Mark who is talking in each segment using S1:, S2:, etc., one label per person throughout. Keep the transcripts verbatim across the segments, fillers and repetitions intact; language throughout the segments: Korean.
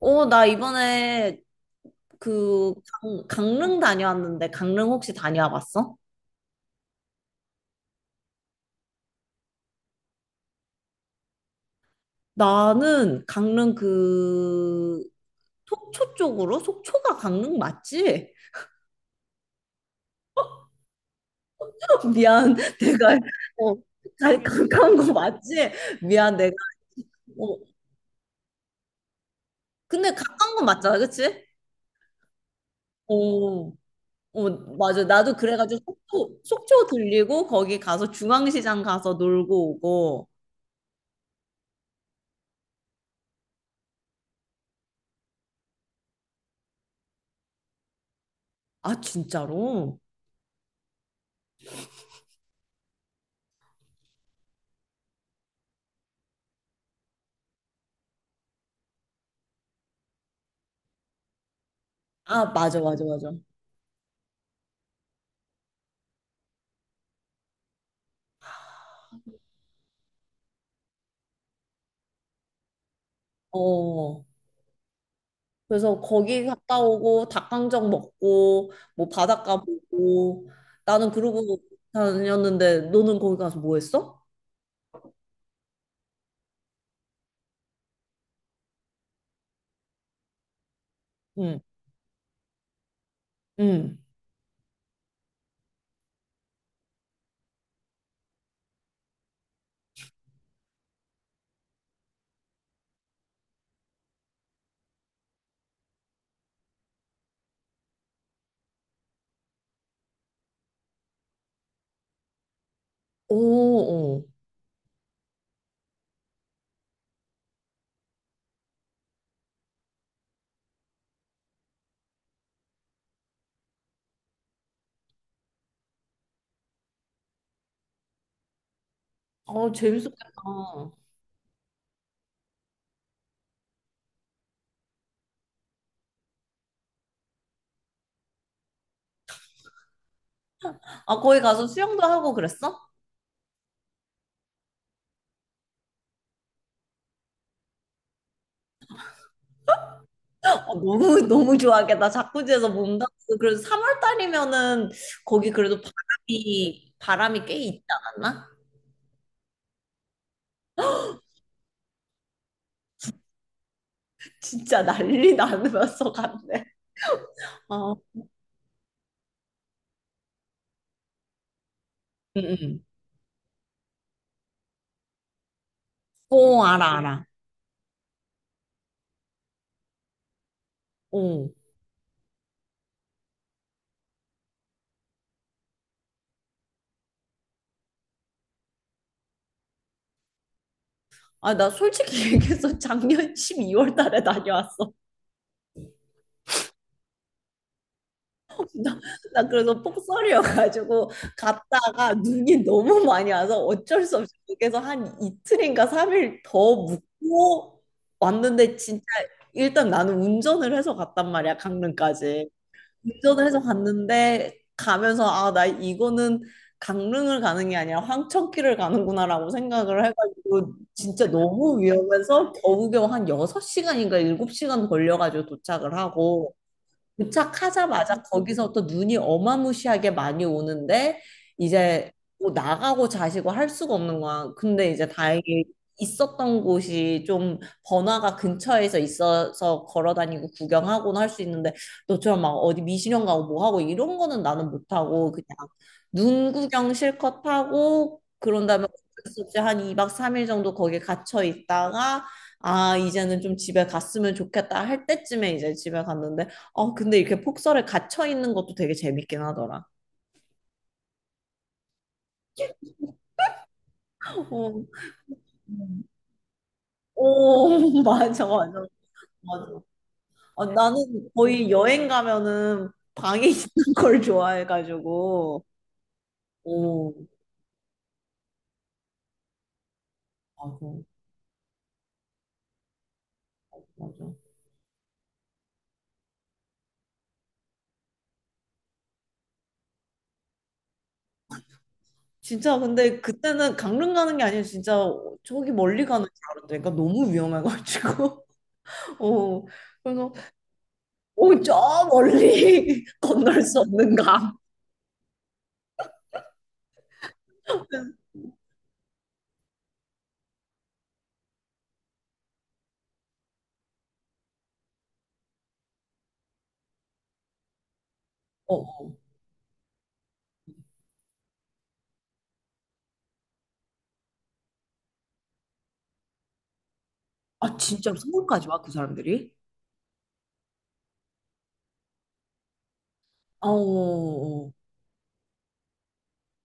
S1: 어, 나 이번에 그 강, 강릉 다녀왔는데 강릉 혹시 다녀와 봤어? 나는 강릉 그 속초 쪽으로 속초가 강릉 맞지? 미안 내가 어, 가- 가까운 거 맞지? 미안 내가 어, 근데 가까운 건 맞잖아 그치? 어, 어 맞아 나도 그래가지고 속초, 속초 들리고 거기 가서 중앙시장 가서 놀고 오고 아 진짜로? 아 맞아 맞아 맞아 어. 그래서 거기 갔다 오고 닭강정 먹고 뭐 바닷가 보고 나는 그러고 다녔는데 너는 거기 가서 뭐 했어? 응. 응. 오, 어. 아, 재밌었겠다. 아, 거기 가서 수영도 하고 그랬어? 아, 너무 너무 좋아하겠다. 자쿠지에서 몸담고 그래서 삼월 달이면은 거기 그래도 바람이 바람이 꽤 있지 않았나? 진짜 난리 나면서 갔네. 어. 응, 응. 오 알아, 알아. 어. 아, 나 솔직히 얘기해서 작년 십이월 달에 다녀왔어. 나, 나 그래서 폭설이어가지고 갔다가 눈이 너무 많이 와서 어쩔 수 없이 거기서 한 이틀인가 삼일더 묵고 왔는데 진짜 일단 나는 운전을 해서 갔단 말이야, 강릉까지. 운전을 해서 갔는데 가면서 아, 나 이거는 강릉을 가는 게 아니라 황천길을 가는구나라고 생각을 해가지고 진짜 너무 위험해서 겨우겨우 한 여섯 시간인가 일곱 시간 걸려가지고 도착을 하고 도착하자마자 거기서 또 눈이 어마무시하게 많이 오는데 이제 뭐 나가고 자시고 할 수가 없는 거야. 근데 이제 다행히 있었던 곳이 좀 번화가 근처에서 있어서 걸어 다니고 구경하고는 할 수 있는데 너처럼 막 어디 미신형 가고 뭐 하고 이런 거는 나는 못 하고 그냥 눈 구경 실컷 하고 그런 다음에 어쩔 수 없이 한 이 박 삼 일 정도 거기에 갇혀 있다가 아 이제는 좀 집에 갔으면 좋겠다 할 때쯤에 이제 집에 갔는데 어, 근데 이렇게 폭설에 갇혀 있는 것도 되게 재밌긴 하더라. 어, 음. 오, 맞아, 맞아, 맞아. 어, 나는 거의 여행 가면은 방에 있는 걸 좋아해가지고. 오, 맞아, 맞아. 진짜 근데 그때는 강릉 가는 게 아니라 진짜 저기 멀리 가는 줄 알았다니까 너무 위험해가지고. 어, 그래서 오, 저 멀리 건널 수 없는가. 어, 아 진짜 서울까지 와 그 사람들이? 어, 어, 어.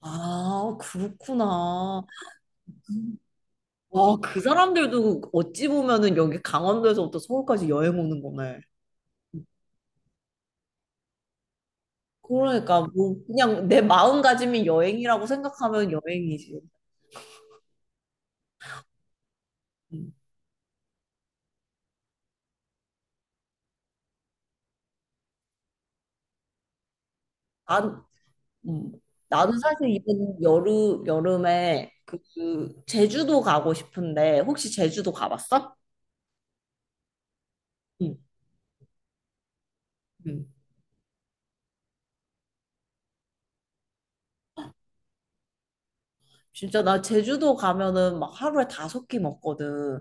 S1: 아, 그렇구나. 와, 그 사람들도 어찌 보면은 여기 강원도에서부터 서울까지 여행 오는 거네. 그러니까 뭐 그냥 내 마음가짐이 여행이라고 생각하면 여행이지. 음. 난, 음. 나는 사실 이번 여름 여름에 그, 그 제주도 가고 싶은데 혹시 제주도 가봤어? 응. 응. 진짜 나 제주도 가면은 막 하루에 다섯 끼 먹거든.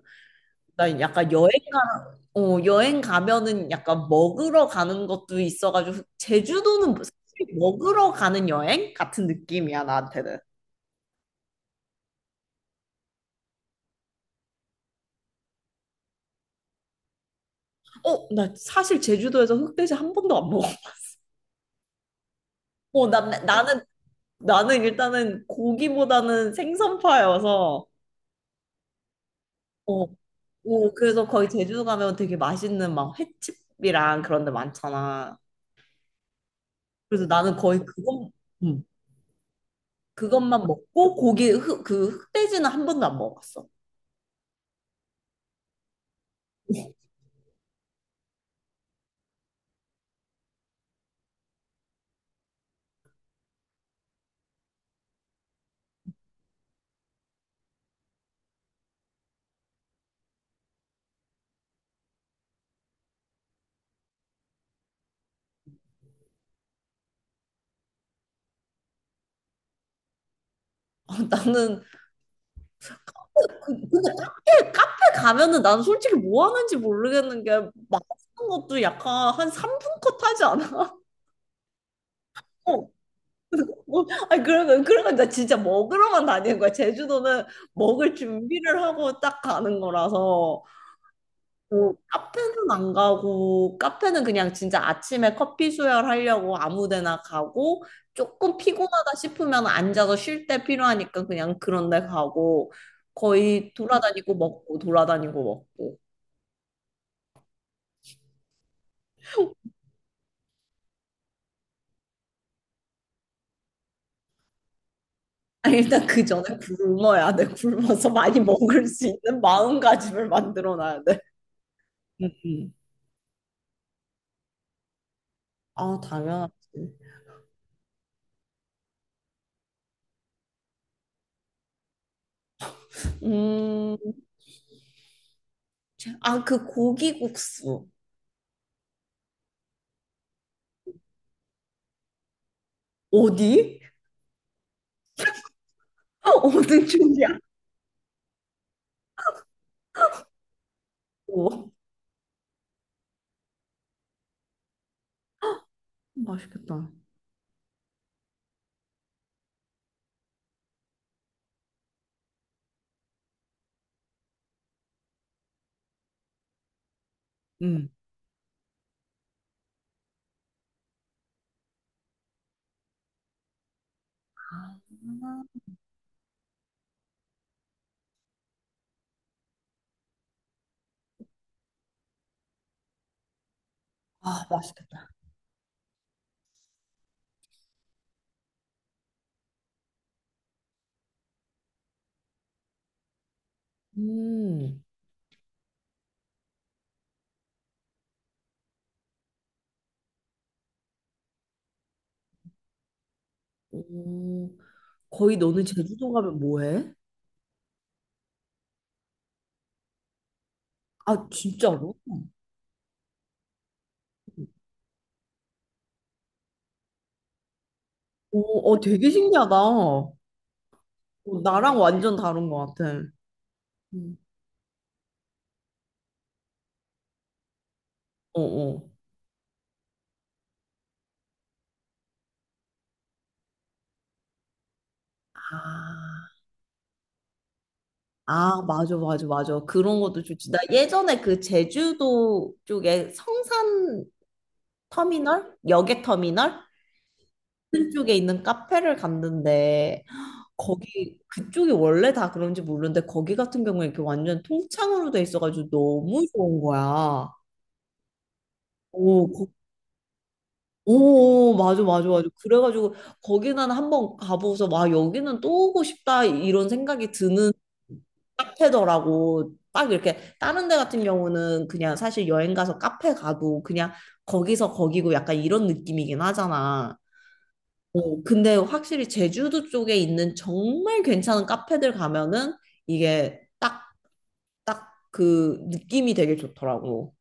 S1: 나 약간 여행 가, 어, 여행 가면은 약간 먹으러 가는 것도 있어가지고 제주도는 뭐- 사실 먹으러 가는 여행 같은 느낌이야 나한테는. 어, 나 사실 제주도에서 흑돼지 한 번도 안 먹어. 어, 난 나는 나는 일단은 고기보다는 생선파여서 어, 어, 그래서 거의 제주도 가면 되게 맛있는 막 횟집이랑 그런 데 많잖아. 그래서 나는 거의 그것, 음, 그것만 먹고 고기 흑, 그 흑돼지는 한 번도 안 먹어봤어. 어, 나는 그- 근데 카페, 카페 가면은 난 솔직히 뭐 하는지 모르겠는 게 맛있는 것도 약간 한 삼 분 컷 하지 않아? 어. 뭐, 아니 그러면 그러면 나 진짜 먹으러만 다니는 거야. 제주도는 먹을 준비를 하고 딱 가는 거라서 뭐 카페는 안 가고 카페는 그냥 진짜 아침에 커피 수혈하려고 아무 데나 가고 조금 피곤하다 싶으면 앉아서 쉴 때 필요하니까 그냥 그런 데 가고 거의 돌아다니고 먹고 돌아다니고 먹고 아니, 일단 그 전에 굶어야 돼. 굶어서 많이 먹을 수 있는 마음가짐을 만들어 놔야 돼. 응, 응. 아, 당연하지. 음, 아, 그 고기국수. 어디? 어디 쪽이야? 오, 맛있겠다. 응. 아, 아, 맛있겠다. 음. 오, 거의 너는 제주도 가면 뭐 해? 아, 진짜로? 오, 어, 되게 신기하다. 어, 나랑 완전 다른 것 같아. 음. 어, 어. 아, 아, 맞아, 맞아, 맞아. 그런 것도 좋지. 나 예전에 그 제주도 쪽에 성산 터미널? 여객 터미널? 그쪽에 있는 카페를 갔는데, 거기, 그쪽이 원래 다 그런지 모르는데, 거기 같은 경우에 이렇게 완전 통창으로 돼 있어가지고 너무 좋은 거야. 오, 오, 맞아, 맞아, 맞아. 그래가지고 거기는 한번 가보고서 와, 여기는 또 오고 싶다 이런 생각이 드는 카페더라고. 딱 이렇게 다른 데 같은 경우는 그냥 사실 여행 가서 카페 가도 그냥 거기서 거기고 약간 이런 느낌이긴 하잖아. 어, 근데 확실히 제주도 쪽에 있는 정말 괜찮은 카페들 가면은 이게 딱, 딱 그 느낌이 되게 좋더라고.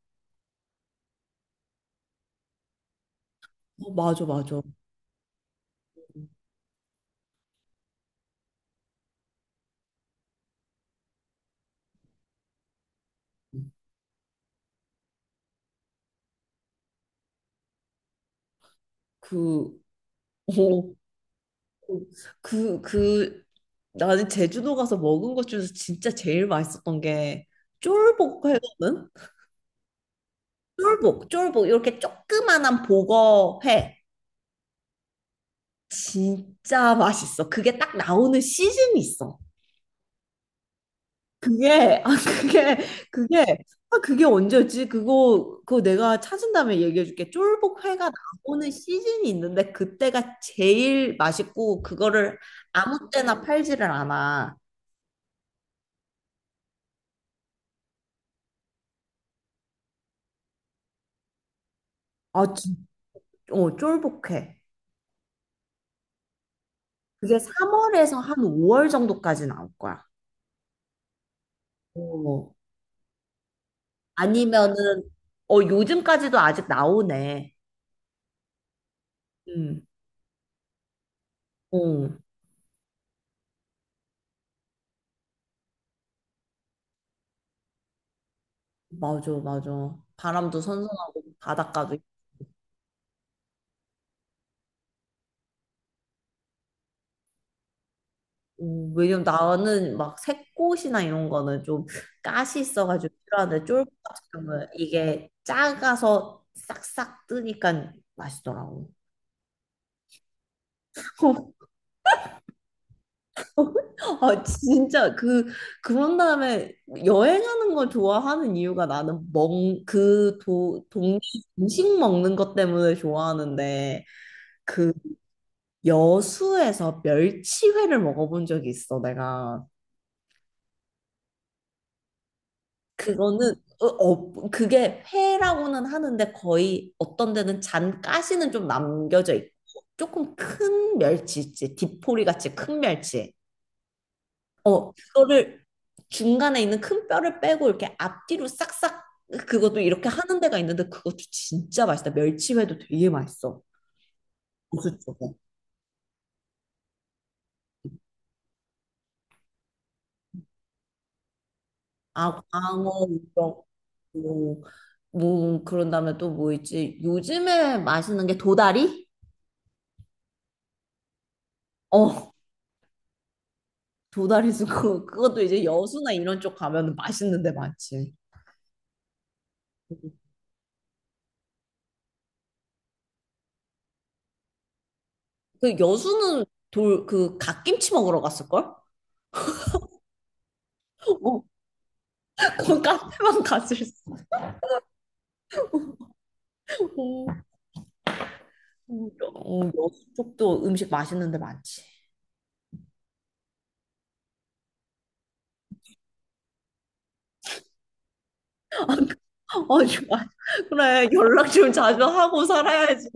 S1: 어, 맞아, 맞아. 그, 어, 그, 그, 나는 제주도 가서 먹은 것 중에서 진짜 제일 맛있었던 게 쫄복 회거든? 쫄복, 쫄복, 이렇게 조그만한 복어회. 진짜 맛있어. 그게 딱 나오는 시즌이 있어. 그게, 아, 그게, 그게, 아, 그게 언제였지? 그거, 그거 내가 찾은 다음에 얘기해줄게. 쫄복회가 나오는 시즌이 있는데, 그때가 제일 맛있고, 그거를 아무 때나 팔지를 않아. 아, 진, 어, 쫄복회. 그게 삼월에서 한 오월 정도까지 나올 거야. 어. 아니면은 어 요즘까지도 아직 나오네. 음. 어. 맞아, 맞아. 바람도 선선하고 바닷가도 있고. 어, 왜냐면 나는 막 새꽃이나 이런 거는 좀 가시 있어가지고 필요한데 쫄보 같은 경우는 이게 작아서 싹싹 뜨니까 맛있더라고. 아, 진짜 그 그런 다음에 여행하는 걸 좋아하는 이유가 나는 멍 그 도 동네 음식 먹는 것 때문에 좋아하는데 그 여수에서 멸치회를 먹어본 적이 있어 내가 그거는 어, 어, 그게 회라고는 하는데 거의 어떤 데는 잔 가시는 좀 남겨져 있고 조금 큰 멸치 있지 디포리 같이 큰 멸치 어, 그거를 중간에 있는 큰 뼈를 빼고 이렇게 앞뒤로 싹싹 그것도 이렇게 하는 데가 있는데 그것도 진짜 맛있다. 멸치회도 되게 맛있어. 고수 쪽에. 아, 광어, 우럭, 뭐, 뭐 그런 다음에 또 뭐 있지? 요즘에 맛있는 게 도다리? 어, 도다리 도고 그것도 이제 여수나 이런 쪽 가면 맛있는 데 많지. 그 여수는 돌 그 갓김치 먹으러 갔을걸? 어, 그 카페만 갔을 수. 어, 여- 어, 여수 쪽도 음식 맛있는 데 많지. 어, 좋아. 그래, 연락 좀 자주 하고 살아야지.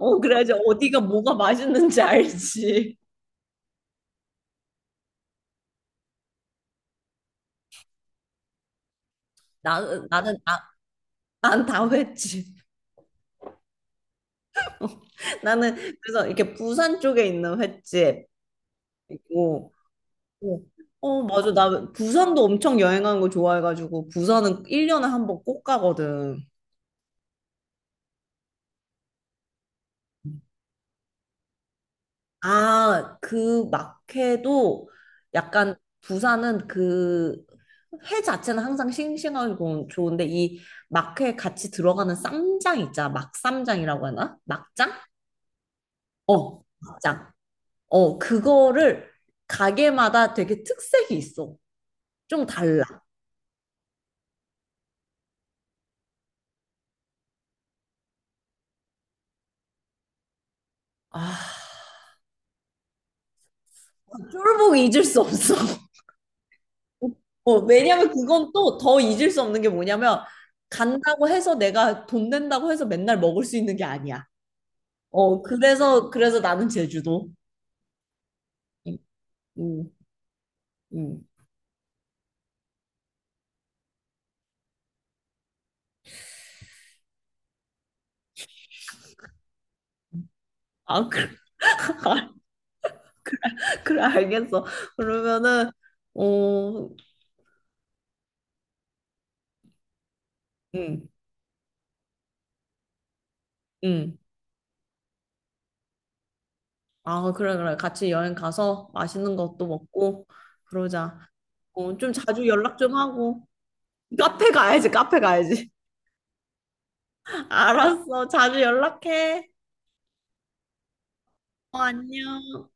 S1: 어, 그래야지 어디가 뭐가 맛있는지 알지. 나, 나는, 나, 난다 횟집. 나는, 그래서 이렇게 부산 쪽에 있는 횟집 있고, 어, 어, 맞아. 나 부산도 엄청 여행하는 거 좋아해가지고, 부산은 일 년에 한 번 꼭 가거든. 아, 그 막회도 약간 부산은 그 회 자체는 항상 싱싱하고 좋은데 이 막회에 같이 들어가는 쌈장 있잖아. 막쌈장이라고 하나? 막장? 어, 막장. 어, 그거를 가게마다 되게 특색이 있어. 좀 달라. 아, 쫄보기 잊을 수 없어. 어, 왜냐면 그건 또 더 잊을 수 없는 게 뭐냐면 간다고 해서 내가 돈 낸다고 해서 맨날 먹을 수 있는 게 아니야. 어, 그래서, 그래서 나는 제주도. 음, 음, 음. 아, 그래, 그래, 알겠어. 그러면은, 어, 음, 음. 아, 그래, 그래. 같이 여행 가서 맛있는 것도 먹고, 그러자. 어, 좀 자주 연락 좀 하고. 카페 가야지, 카페 가야지. 알았어. 자주 연락해. 어, 안녕.